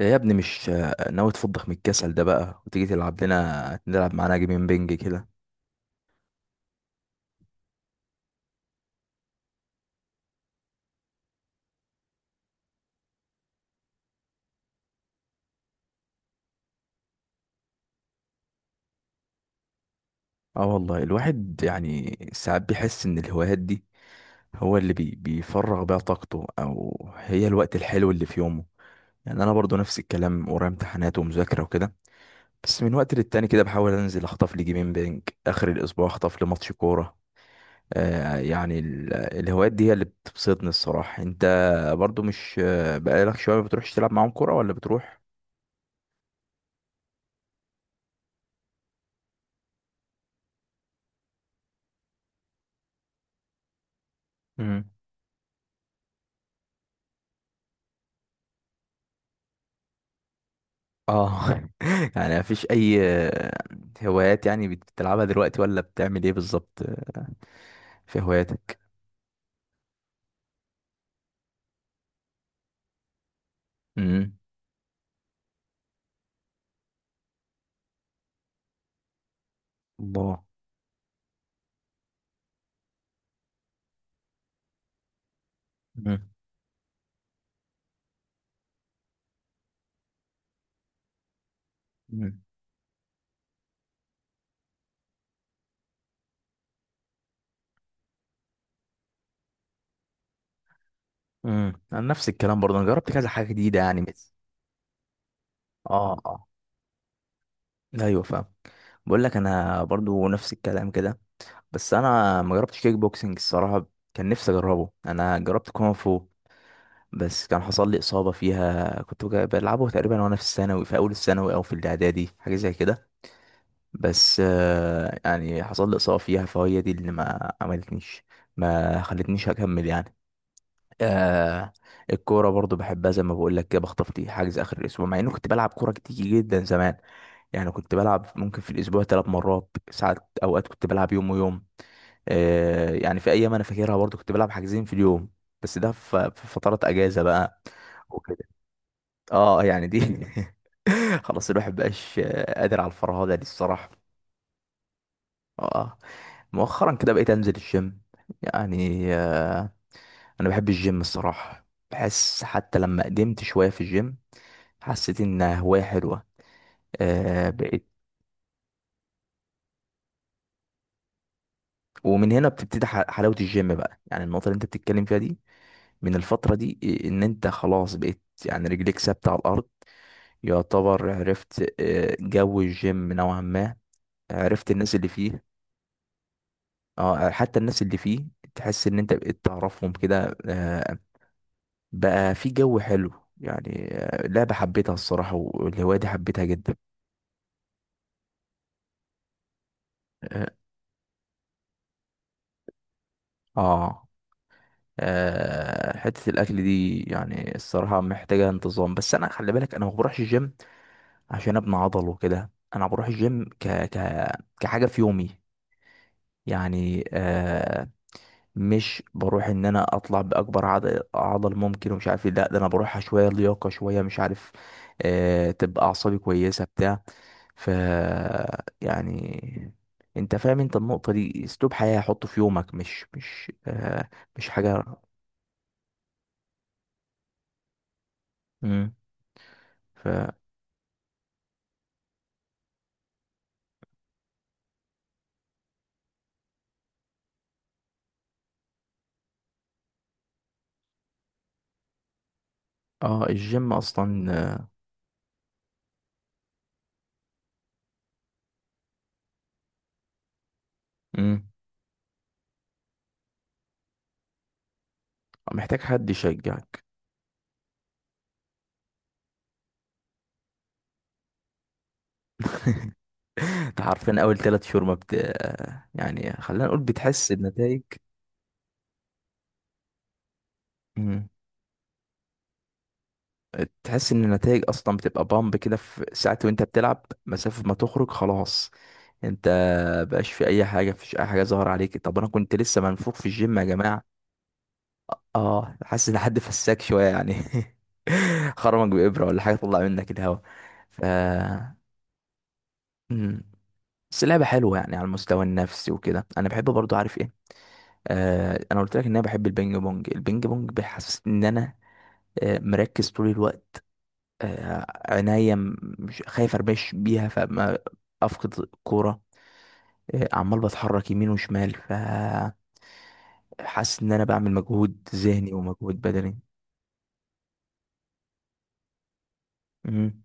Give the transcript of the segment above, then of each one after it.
يا ابني، مش ناوي تفضخ من الكسل ده بقى، وتيجي تلعب لنا نلعب معانا جيمين بينج كده؟ اه والله، الواحد يعني ساعات بيحس ان الهوايات دي هو اللي بيفرغ بيها طاقته، او هي الوقت الحلو اللي في يومه. يعني انا برضو نفس الكلام، ورايا امتحانات ومذاكرة وكده. بس من وقت للتاني كده بحاول انزل اخطف لي جيمين بينج، اخر الاسبوع اخطف لي ماتش كورة. الهوايات دي هي اللي بتبسطني الصراحة. انت برضو مش، بقالك شوية ما بتروحش تلعب معاهم كورة ولا بتروح؟ مم. اه. يعني مفيش اي هوايات يعني بتلعبها دلوقتي ولا بتعمل ايه بالظبط في هواياتك؟ امم. الله. امم. امم. امم. انا نفس الكلام برضه، انا جربت كذا حاجه جديده يعني بس. اه، اه، ايوه فاهم. بقول لك انا برضو نفس الكلام كده. بس انا ما جربتش كيك بوكسنج الصراحه، كان نفسي اجربه. انا جربت كونغ فو، بس كان حصل لي اصابه فيها. كنت بلعبه تقريبا وانا في الثانوي، في اول الثانوي او في الاعدادي، حاجه زي كده. بس يعني حصل لي إصابة فيها، فهي دي اللي ما عملتنيش، ما خلتنيش أكمل يعني. آه الكورة برضو بحبها، زي ما بقول لك كده، بخطف دي حجز آخر الأسبوع، مع إنه كنت بلعب كورة كتير جدا زمان. يعني كنت بلعب ممكن في الأسبوع 3 مرات، ساعات أوقات كنت بلعب يوم ويوم. يعني في أيام أنا فاكرها برضو كنت بلعب حجزين في اليوم، بس ده في فترات أجازة بقى، وكده. اه يعني دي، خلاص الواحد مبقاش قادر على الفرهدة دي الصراحة. اه. مؤخرا كده بقيت انزل الجيم، يعني، انا بحب الجيم الصراحه. بحس حتى لما قدمت شويه في الجيم، حسيت انها هوايه حلوه، بقيت. ومن هنا بتبتدي حلاوه الجيم بقى، يعني النقطه اللي انت بتتكلم فيها دي، من الفتره دي ان انت خلاص بقيت يعني رجليك ثابته على الارض، يعتبر عرفت جو الجيم نوعا ما، عرفت الناس اللي فيه. اه، حتى الناس اللي فيه تحس ان انت بقيت تعرفهم كده، بقى في جو حلو، يعني. لعبة حبيتها الصراحة، والهواية دي حبيتها جدا. اه، آه، آه، حتة الأكل دي يعني الصراحة محتاجة انتظام. بس أنا خلي بالك أنا ما بروحش الجيم عشان أبني عضل وكده، أنا بروح الجيم كحاجة في يومي. يعني، مش بروح ان انا اطلع باكبر عضل ممكن ومش عارف ايه، لا ده انا بروحها شويه لياقه شويه مش عارف، تبقى اعصابي كويسه بتاع، ف، يعني. انت فاهم، انت النقطه دي اسلوب حياه، حطه في يومك، مش مش حاجه. امم. ف. اه، الجيم اصلا، امم. محتاج حد يشجعك. انت عارفين اول 3 شهور ما بت آه، يعني خلينا نقول بتحس بنتائج. تحس ان النتائج اصلا بتبقى بامب كده في ساعات، وانت بتلعب مسافة ما تخرج خلاص، انت بقاش في اي حاجة، مفيش اي حاجة ظاهرة عليك. طب انا كنت لسه منفوخ في الجيم يا جماعة، اه، حاسس ان حد فساك شوية يعني. خرمك بإبرة ولا حاجة، طلع منك الهوا، ف. مم. بس اللعبة حلوة يعني على المستوى النفسي وكده. انا بحب برضو، عارف ايه، انا قلت لك ان انا بحب البينج بونج بيحسسني ان انا مركز طول الوقت، آه، عينيا مش خايف اربش بيها فما افقد الكوره، عمال بتحرك يمين وشمال، فحاسس ان انا بعمل مجهود ذهني ومجهود بدني. مم.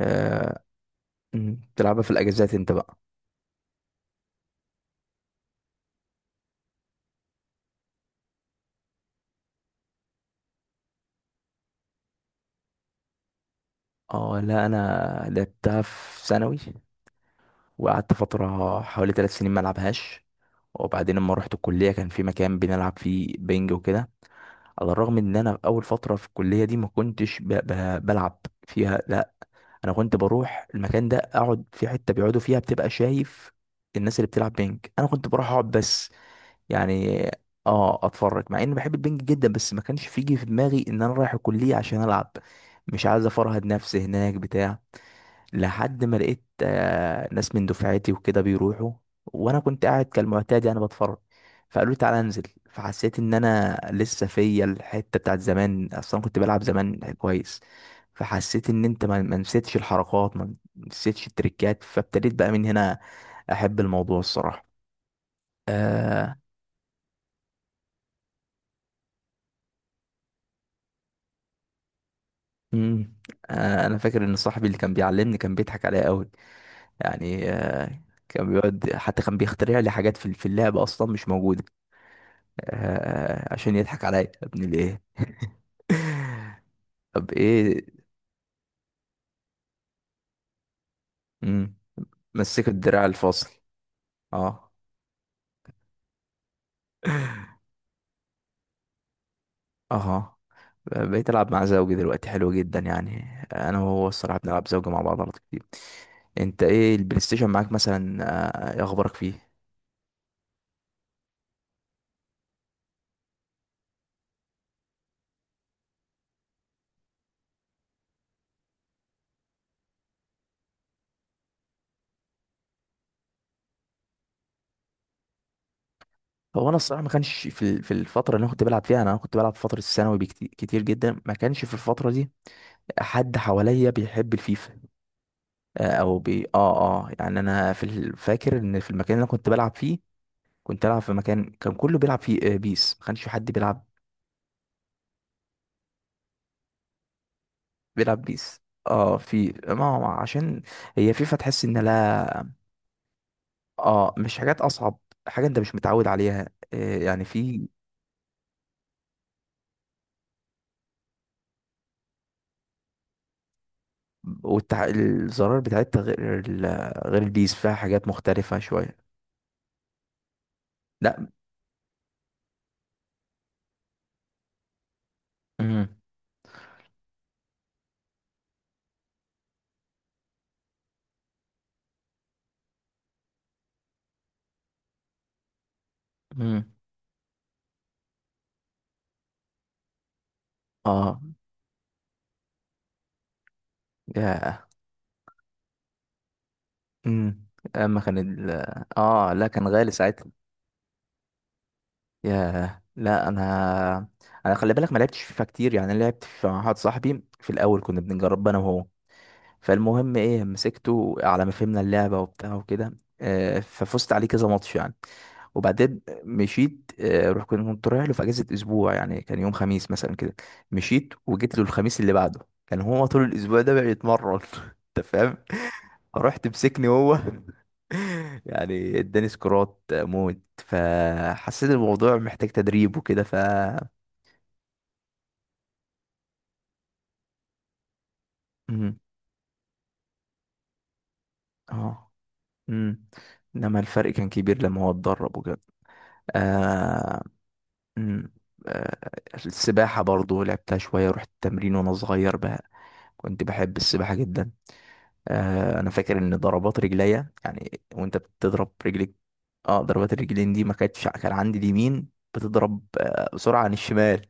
آه، مم. بتلعبها في الاجازات انت بقى؟ اه لا، انا لعبتها في ثانوي، وقعدت فتره حوالي 3 سنين ما العبهاش. وبعدين لما رحت الكليه كان في مكان بنلعب فيه بينج وكده، على الرغم ان انا في اول فتره في الكليه دي ما كنتش بلعب فيها، لا. انا كنت بروح المكان ده اقعد في حته بيقعدوا فيها، بتبقى شايف الناس اللي بتلعب بينج، انا كنت بروح اقعد بس يعني. اه، اتفرج، مع اني بحب البينج جدا، بس ما كانش فيجي في دماغي ان انا رايح الكليه عشان العب، مش عايز افرهد نفسي هناك بتاع. لحد ما لقيت ناس من دفعتي وكده بيروحوا، وانا كنت قاعد كالمعتاد يعني بتفرج، فقالوا لي تعالى انزل. فحسيت ان انا لسه فيا الحته بتاعت زمان، اصلا كنت بلعب زمان كويس. فحسيت ان انت ما نسيتش الحركات، ما نسيتش التريكات، فابتديت بقى من هنا احب الموضوع الصراحه، آه مم. انا فاكر ان صاحبي اللي كان بيعلمني كان بيضحك عليا قوي، يعني، كان بيقعد حتى كان بيخترع لي حاجات في اللعبه اصلا مش موجوده، عشان يضحك عليا يا ابني ليه طب ايه؟ مم. مسكت الدراع الفاصل. اه، اه. بقيت العب مع زوجي دلوقتي حلو جدا يعني، انا وهو الصراحه بنلعب زوجي مع بعض على طول كتير. انت ايه البلاي ستيشن معاك مثلا؟ ايه اخبارك فيه؟ هو انا الصراحه ما كانش في الفتره اللي انا كنت بلعب فيها، انا كنت بلعب في فتره الثانوي بكتير كتير جدا. ما كانش في الفتره دي حد حواليا بيحب الفيفا، آه، او بي اه اه يعني، انا فاكر ان في المكان اللي انا كنت بلعب فيه، كنت العب في مكان كان كله بيلعب فيه بيس، ما كانش في حد بيلعب بيس. اه، في، ما هو عشان هي فيفا، تحس ان، لا. اه، مش حاجات اصعب، حاجه انت مش متعود عليها، يعني. في، الزرار بتاعتها غير غير البيس، فيها حاجات مختلفه شويه. لا. امم. امم. اه يا. امم. اما كان اه لا، كان غالي ساعتها. ياه، لا انا، انا خلي بالك ما لعبتش فيفا كتير يعني. أنا لعبت مع واحد صاحبي في الاول، كنا بنجرب انا وهو. فالمهم ايه، مسكته، على ما فهمنا اللعبه وبتاع وكده، ففزت عليه كذا ماتش يعني. وبعدين مشيت، آه، روح كنت رايح له في اجازه اسبوع، يعني كان يوم خميس مثلا كده. مشيت وجيت له الخميس اللي بعده، كان هو طول الاسبوع ده بقى يتمرن انت فاهم، رحت مسكني هو يعني اداني سكرات موت، فحسيت الموضوع محتاج تدريب وكده، ف. مم. اه. مم. انما الفرق كان كبير لما هو اتدرب وكده. آه. مم. آه. السباحة برضو لعبتها شوية، رحت التمرين وانا صغير بقى، كنت بحب السباحة جدا. انا فاكر ان ضربات رجليا، يعني وانت بتضرب رجليك، اه، ضربات الرجلين دي ما كانتش، كان عندي اليمين بتضرب بسرعه عن الشمال،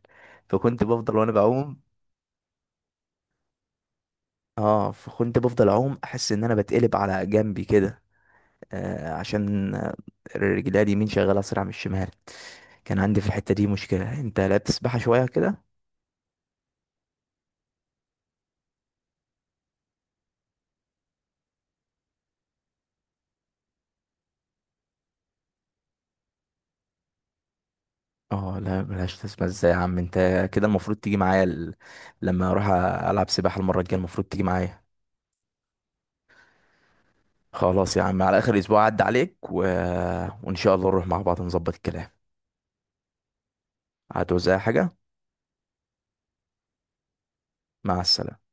فكنت بفضل وانا بعوم. اه فكنت بفضل اعوم، احس ان انا بتقلب على جنبي كده، عشان رجلي اليمين شغاله اسرع من الشمال. كان عندي في الحته دي مشكله. انت لا بتسبحها شويه كده؟ اه لا، ملهاش. تسبح ازاي يا عم انت؟ كده المفروض تيجي معايا لما اروح العب سباحه المره الجايه، المفروض تيجي معايا. خلاص يا عم، على اخر اسبوع عدى عليك وان شاء الله نروح مع بعض، نظبط الكلام. هتوزع حاجه؟ مع السلامه.